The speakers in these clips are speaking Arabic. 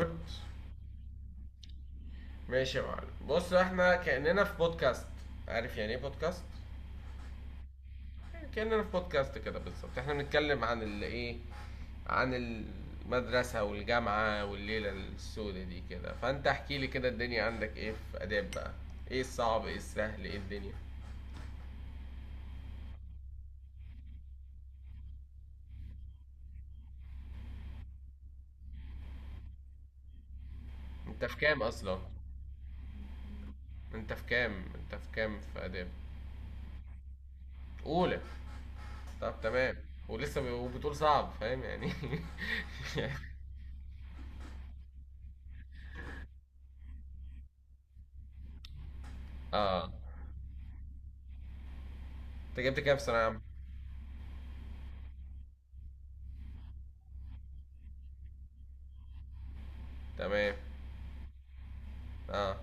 ريكورد. ماشي يا معلم، بص احنا كأننا في بودكاست. عارف يعني ايه بودكاست؟ كأننا في بودكاست كده بالظبط. احنا بنتكلم عن ال ايه، عن المدرسة والجامعة والليلة السودة دي كده، فانت احكي لي كده، الدنيا عندك ايه في آداب بقى؟ ايه الصعب، ايه السهل، ايه الدنيا؟ انت في كام اصلا؟ انت في كام في آداب؟ اولى؟ طب تمام. وبتقول صعب، فاهم يعني. اه. انت جبت كام في ثانوية عامة؟ تمام. اه،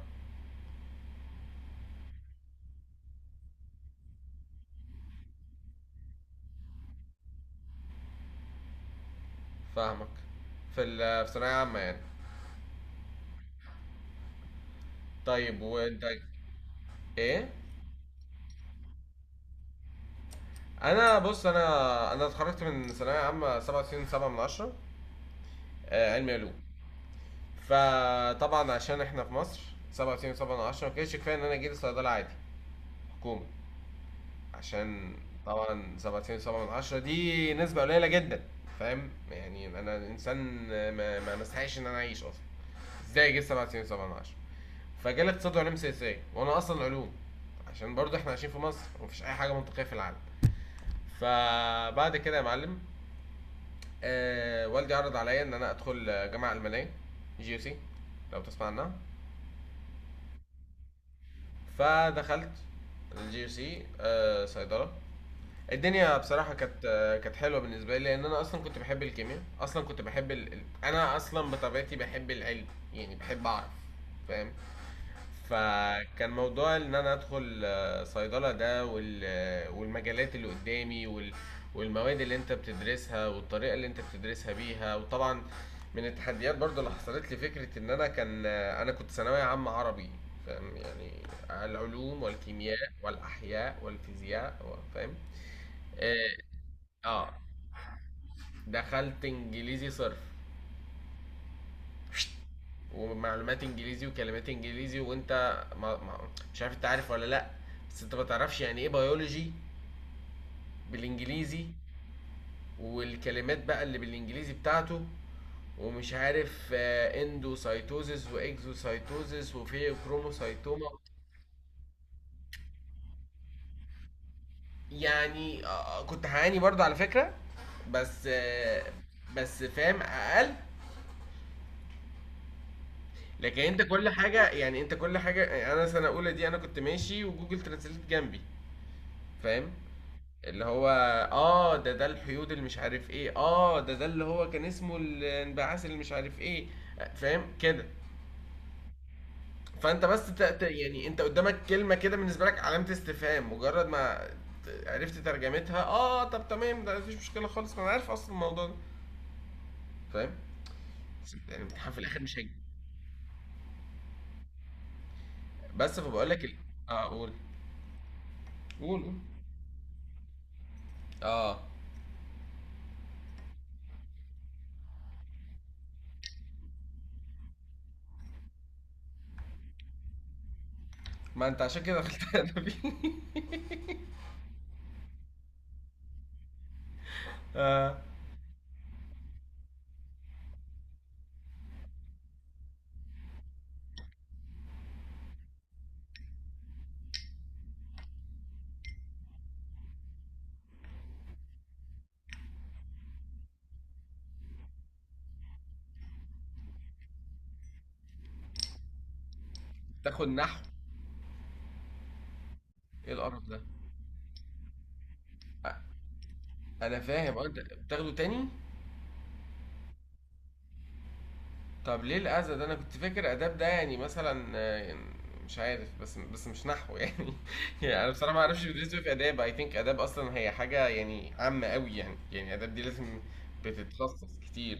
فاهمك. في ثانوية عامة يعني. طيب وانت؟ ايه؟ انا بص، انا اتخرجت من ثانوية عامة 97 7 من 10. علمي علوم. فطبعا عشان احنا في مصر، 97 7 من 10 ما كانش كفاية ان انا جيت صيدلة عادي، حكومة، عشان... طبعا 97 7 من 10 دي نسبة قليلة جدا. فاهم يعني انا انسان ما استحقش ان انا اعيش اصلا. ازاي جيت 97 7 من 10؟ فجالي اقتصاد وعلوم سياسيه، وانا اصلا علوم، عشان برضه احنا عايشين في مصر ومفيش اي حاجه منطقيه في العالم. فبعد كده يا معلم، والدي عرض عليا ان انا ادخل جامعه المانيه، جي يو سي، لو تسمع عنها. فدخلت الجي يو سي، صيدله. الدنيا بصراحه كانت كانت حلوه بالنسبه لي، لان انا اصلا كنت بحب الكيمياء، اصلا كنت بحب ال... ال- انا اصلا بطبيعتي بحب العلم. يعني بحب اعرف، فاهم. فكان موضوع ان انا ادخل صيدلة ده، والمجالات اللي قدامي، والمواد اللي انت بتدرسها والطريقة اللي انت بتدرسها بيها، وطبعا من التحديات برضو اللي حصلت لي فكرة ان انا كان آه، انا كنت ثانوية عامة عربي، فاهم يعني. العلوم والكيمياء والاحياء والفيزياء فاهم. اه، آه، دخلت انجليزي صرف، ومعلومات انجليزي، وكلمات انجليزي، وانت ما ما مش عارف، انت عارف ولا لا؟ بس انت ما تعرفش يعني ايه بيولوجي بالانجليزي، والكلمات بقى اللي بالانجليزي بتاعته، ومش عارف اندوسايتوزيس واكزوسايتوزيس وفيوكروموسايتوما. يعني كنت هعاني برضه على فكرة. بس آه، بس فاهم اقل. لكن انت كل حاجة، يعني انت كل حاجة، يعني انا سنة اولى دي انا كنت ماشي وجوجل ترانسليت جنبي، فاهم، اللي هو اه، ده الحيود اللي مش عارف ايه، اه، ده اللي هو كان اسمه الانبعاث اللي مش عارف ايه. فاهم كده. فانت بس يعني انت قدامك كلمة كده بالنسبة لك علامة استفهام، مجرد ما عرفت ترجمتها اه، طب تمام، ده مفيش مشكلة خالص، ما انا عارف اصلا الموضوع ده، فاهم. بس يعني الامتحان في الاخر مش هيجي. بس فبقول لك اه، قول قول قول. اه. ما انت عشان كده دخلت ادبي. اه. تاخد نحو؟ ايه القرف ده؟ أ- انا فاهم، انت بتاخده تاني. طب ليه الأذى ده؟ أنا كنت فاكر آداب ده يعني مثلًا مش عارف، بس مش نحو يعني. يعني أنا بصراحة ما أعرفش بيدرسوا إيه في آداب. I think آداب أصلًا هي حاجة يعني عامة أوي، يعني، يعني آداب دي لازم بتتخصص كتير،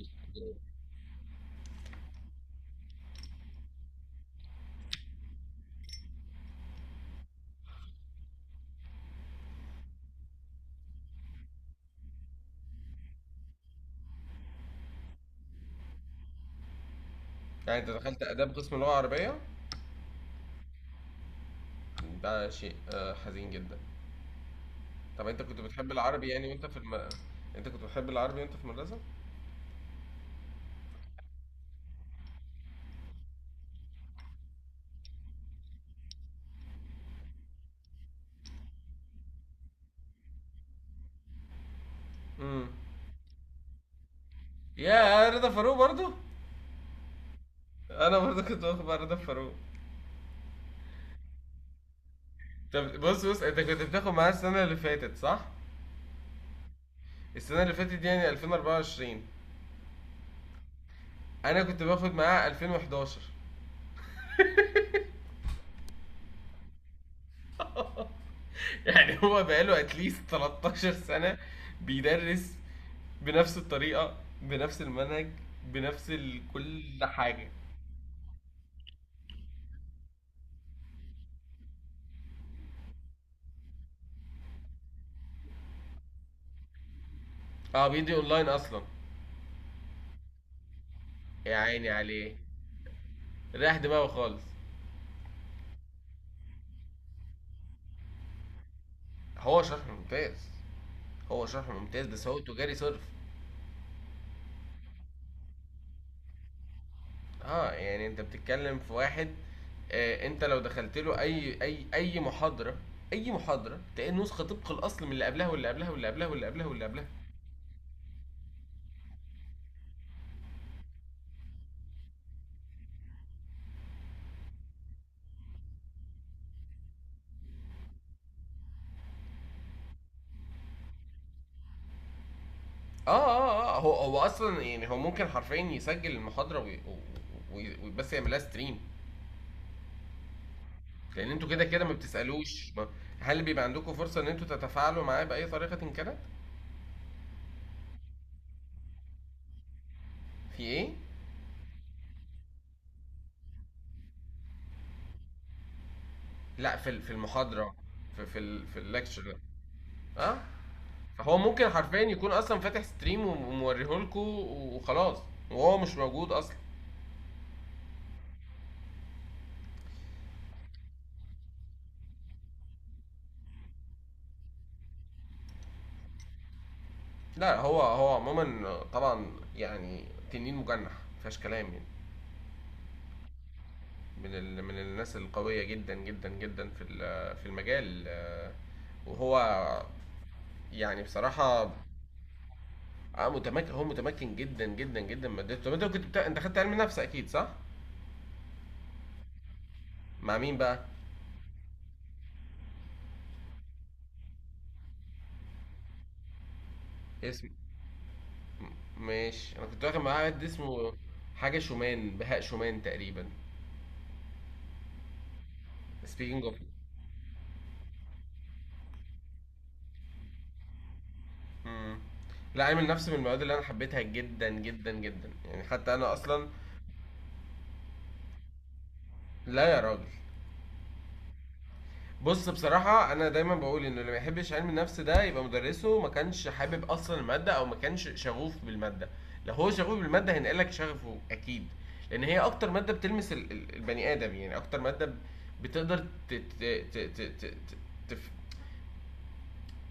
يعني أنت دخلت آداب قسم لغة عربية؟ ده شيء حزين جدًا. طب أنت كنت بتحب العربي يعني، وأنت في الم أنت كنت بتحب العربي وأنت في المدرسة؟ إمم. ياه! رضا فاروق برضه! أنا برضه كنت باخد مع رضا فاروق. طب بُص، بُص أنت كنت بتاخد معاه السنة اللي فاتت صح؟ السنة اللي فاتت دي يعني 2024. أنا كنت باخد معاه 2011. يعني هو بقاله اتليست 13 سنة بيدرس بنفس الطريقة بنفس المنهج كل حاجة. اه، بيدي اونلاين اصلا. يا عيني عليه، رايح دماغه خالص. هو شرح ممتاز. هو شرح ممتاز بس هو تجاري صرف. اه، يعني انت بتتكلم في واحد، انت لو دخلت له اي محاضره، اي محاضره تلاقي النسخه طبق الاصل من اللي قبلها واللي قبلها واللي قبلها واللي قبلها واللي قبلها. اه، هو اصلا يعني هو ممكن حرفيا يسجل المحاضره وي بس يعملها ستريم، لان انتوا كده كده ما بتسالوش. ما هل بيبقى عندكم فرصه ان انتوا تتفاعلوا معاه باي طريقه إن كانت؟ في ايه؟ لا، في المحاضره، في الليكتشر. اه. فهو ممكن حرفيا يكون اصلا فاتح ستريم وموريهولكوا وخلاص، وهو مش موجود اصلا. لا، هو عموما طبعا يعني تنين مجنح، مفيهاش كلام يعني، من الناس القويه جدا جدا جدا في المجال، وهو يعني بصراحه متمكن، هو متمكن جدا جدا جدا من مادته. طب انت انت خدت علم نفس اكيد صح؟ مع مين بقى؟ اسم م- ماشي، انا كنت واخد معاه حد اسمه حاجه شومان، بهاء شومان تقريبا. Speaking of... امم. لا، علم النفس من المواد اللي انا حبيتها جدا جدا جدا، يعني حتى انا اصلا... لا يا راجل. بص، بصراحة أنا دايما بقول إنه اللي ما يحبش علم النفس ده يبقى مدرسه ما كانش حابب أصلا المادة، أو ما كانش شغوف بالمادة. لو هو شغوف بالمادة هينقلك شغفه أكيد. لأن هي أكتر مادة بتلمس البني آدم، يعني أكتر مادة بتقدر ت- ت- ت- ت- ت- ت- تف-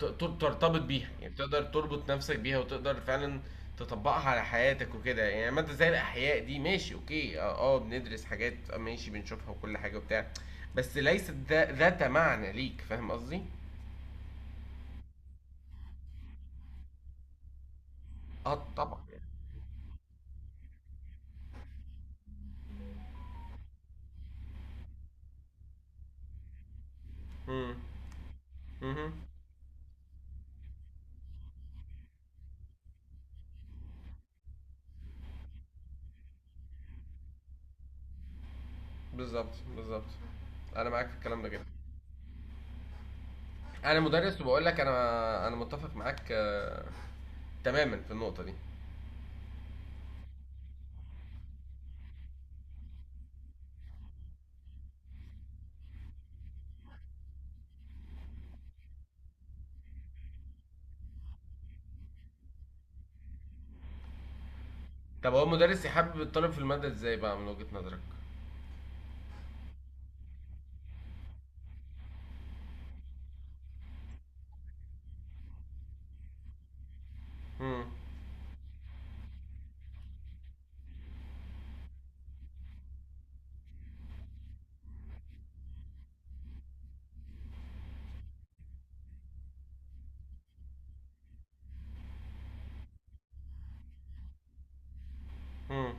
ت- ت- ترتبط بيها، يعني تقدر تربط نفسك بيها وتقدر فعلا تطبقها على حياتك وكده. يعني مادة زي الأحياء دي، ماشي أوكي، اه بندرس حاجات ماشي بنشوفها وكل حاجة وبتاع، بس ليست ذات معنى ليك، فاهم قصدي؟ اه طبعا يعني. امم. امم. بالظبط، بالظبط، انا معاك في الكلام ده جدا. انا مدرس وبقول لك انا متفق معاك تماما في النقطة دي. طب هو المدرس يحبب الطالب في المادة ازاي بقى من وجهة نظرك؟ امم. امم.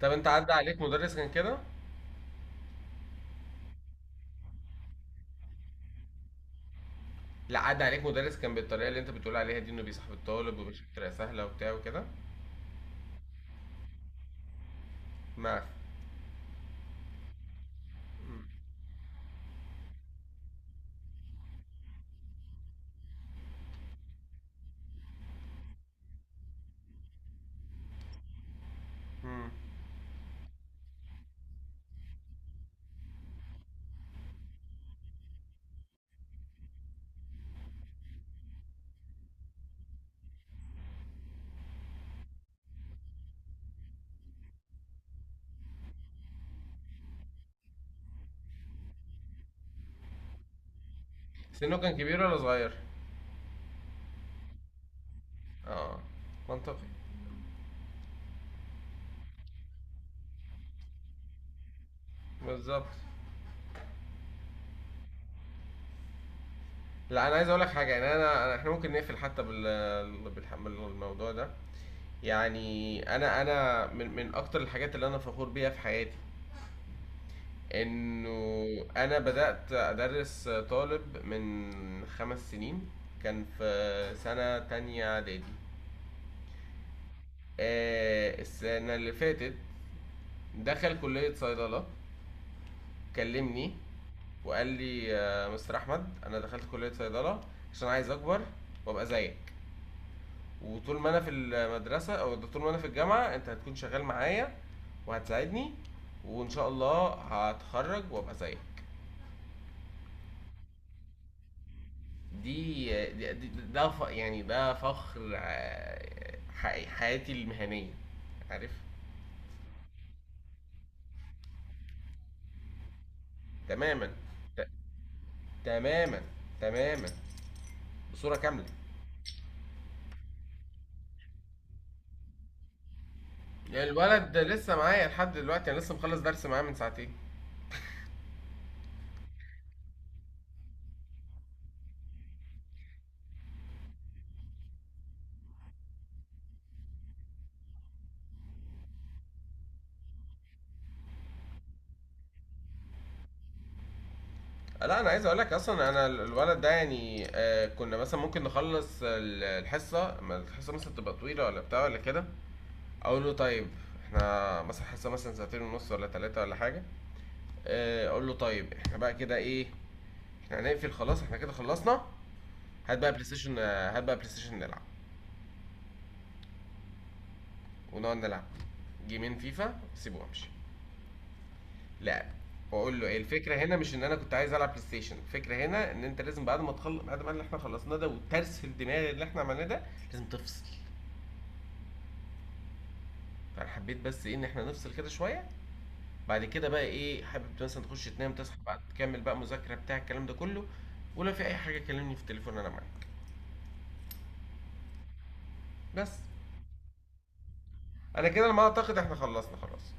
طب انت عدى عليك مدرس كان كده؟ لا، عدى عليك مدرس كان بالطريقة اللي انت بتقول عليها دي، انه بيصاحب الطالب ومش بطريقة سهلة وبتاع وكده؟ ما مم. مم. سنه كان كبير ولا صغير؟ اه، منطقي. بالظبط. لا انا عايز اقول لك حاجة، يعني احنا ممكن نقفل حتى بالموضوع ده. يعني انا من اكتر الحاجات اللي انا فخور بيها في حياتي، انه انا بدأت ادرس طالب من خمس سنين، كان في سنة تانية اعدادي. السنة اللي فاتت دخل كلية صيدلة. كلمني وقال لي مستر أحمد، أنا دخلت كلية صيدلة عشان عايز أكبر وأبقى زيك، وطول ما أنا في المدرسة أو طول ما أنا في الجامعة أنت هتكون شغال معايا وهتساعدني، وإن شاء الله هتخرج وأبقى زيك. دي, يعني ده فخر، حياتي المهنية، عارف. تماما. ت- تماما. تماما. بصورة كاملة. الولد ده لسه معايا لحد دلوقتي، انا لسه مخلص درس معاه من ساعتين. لا، انا عايز اقول لك اصلا، انا الولد ده يعني كنا مثلا ممكن نخلص الحصه، ما الحصه مثلا تبقى طويله ولا بتاع ولا كده، اقول له طيب احنا مثلا حصه مثلا ساعتين ونص ولا ثلاثه ولا حاجه. اقول له طيب، احنا بقى كده ايه، احنا هنقفل خلاص، احنا كده خلصنا. هات بقى بلاي ستيشن. هات بقى بلاي ستيشن نلعب، ونقعد نلعب جيمين فيفا، سيبه وامشي، لعب. واقول له ايه، الفكره هنا مش ان انا كنت عايز العب بلاي ستيشن، الفكره هنا ان انت لازم بعد ما تخلص، بعد ما اللي احنا خلصناه ده وترس الدماغ اللي احنا عملناه ده، لازم تفصل. فانا حبيت بس ايه، ان احنا نفصل كده شويه. بعد كده بقى ايه، حابب مثلا تخش تنام، تصحى بعد تكمل بقى مذاكره بتاع الكلام ده كله. ولو في اي حاجه كلمني في التليفون، انا معاك. بس انا كده على ما اعتقد احنا خلصنا خلاص.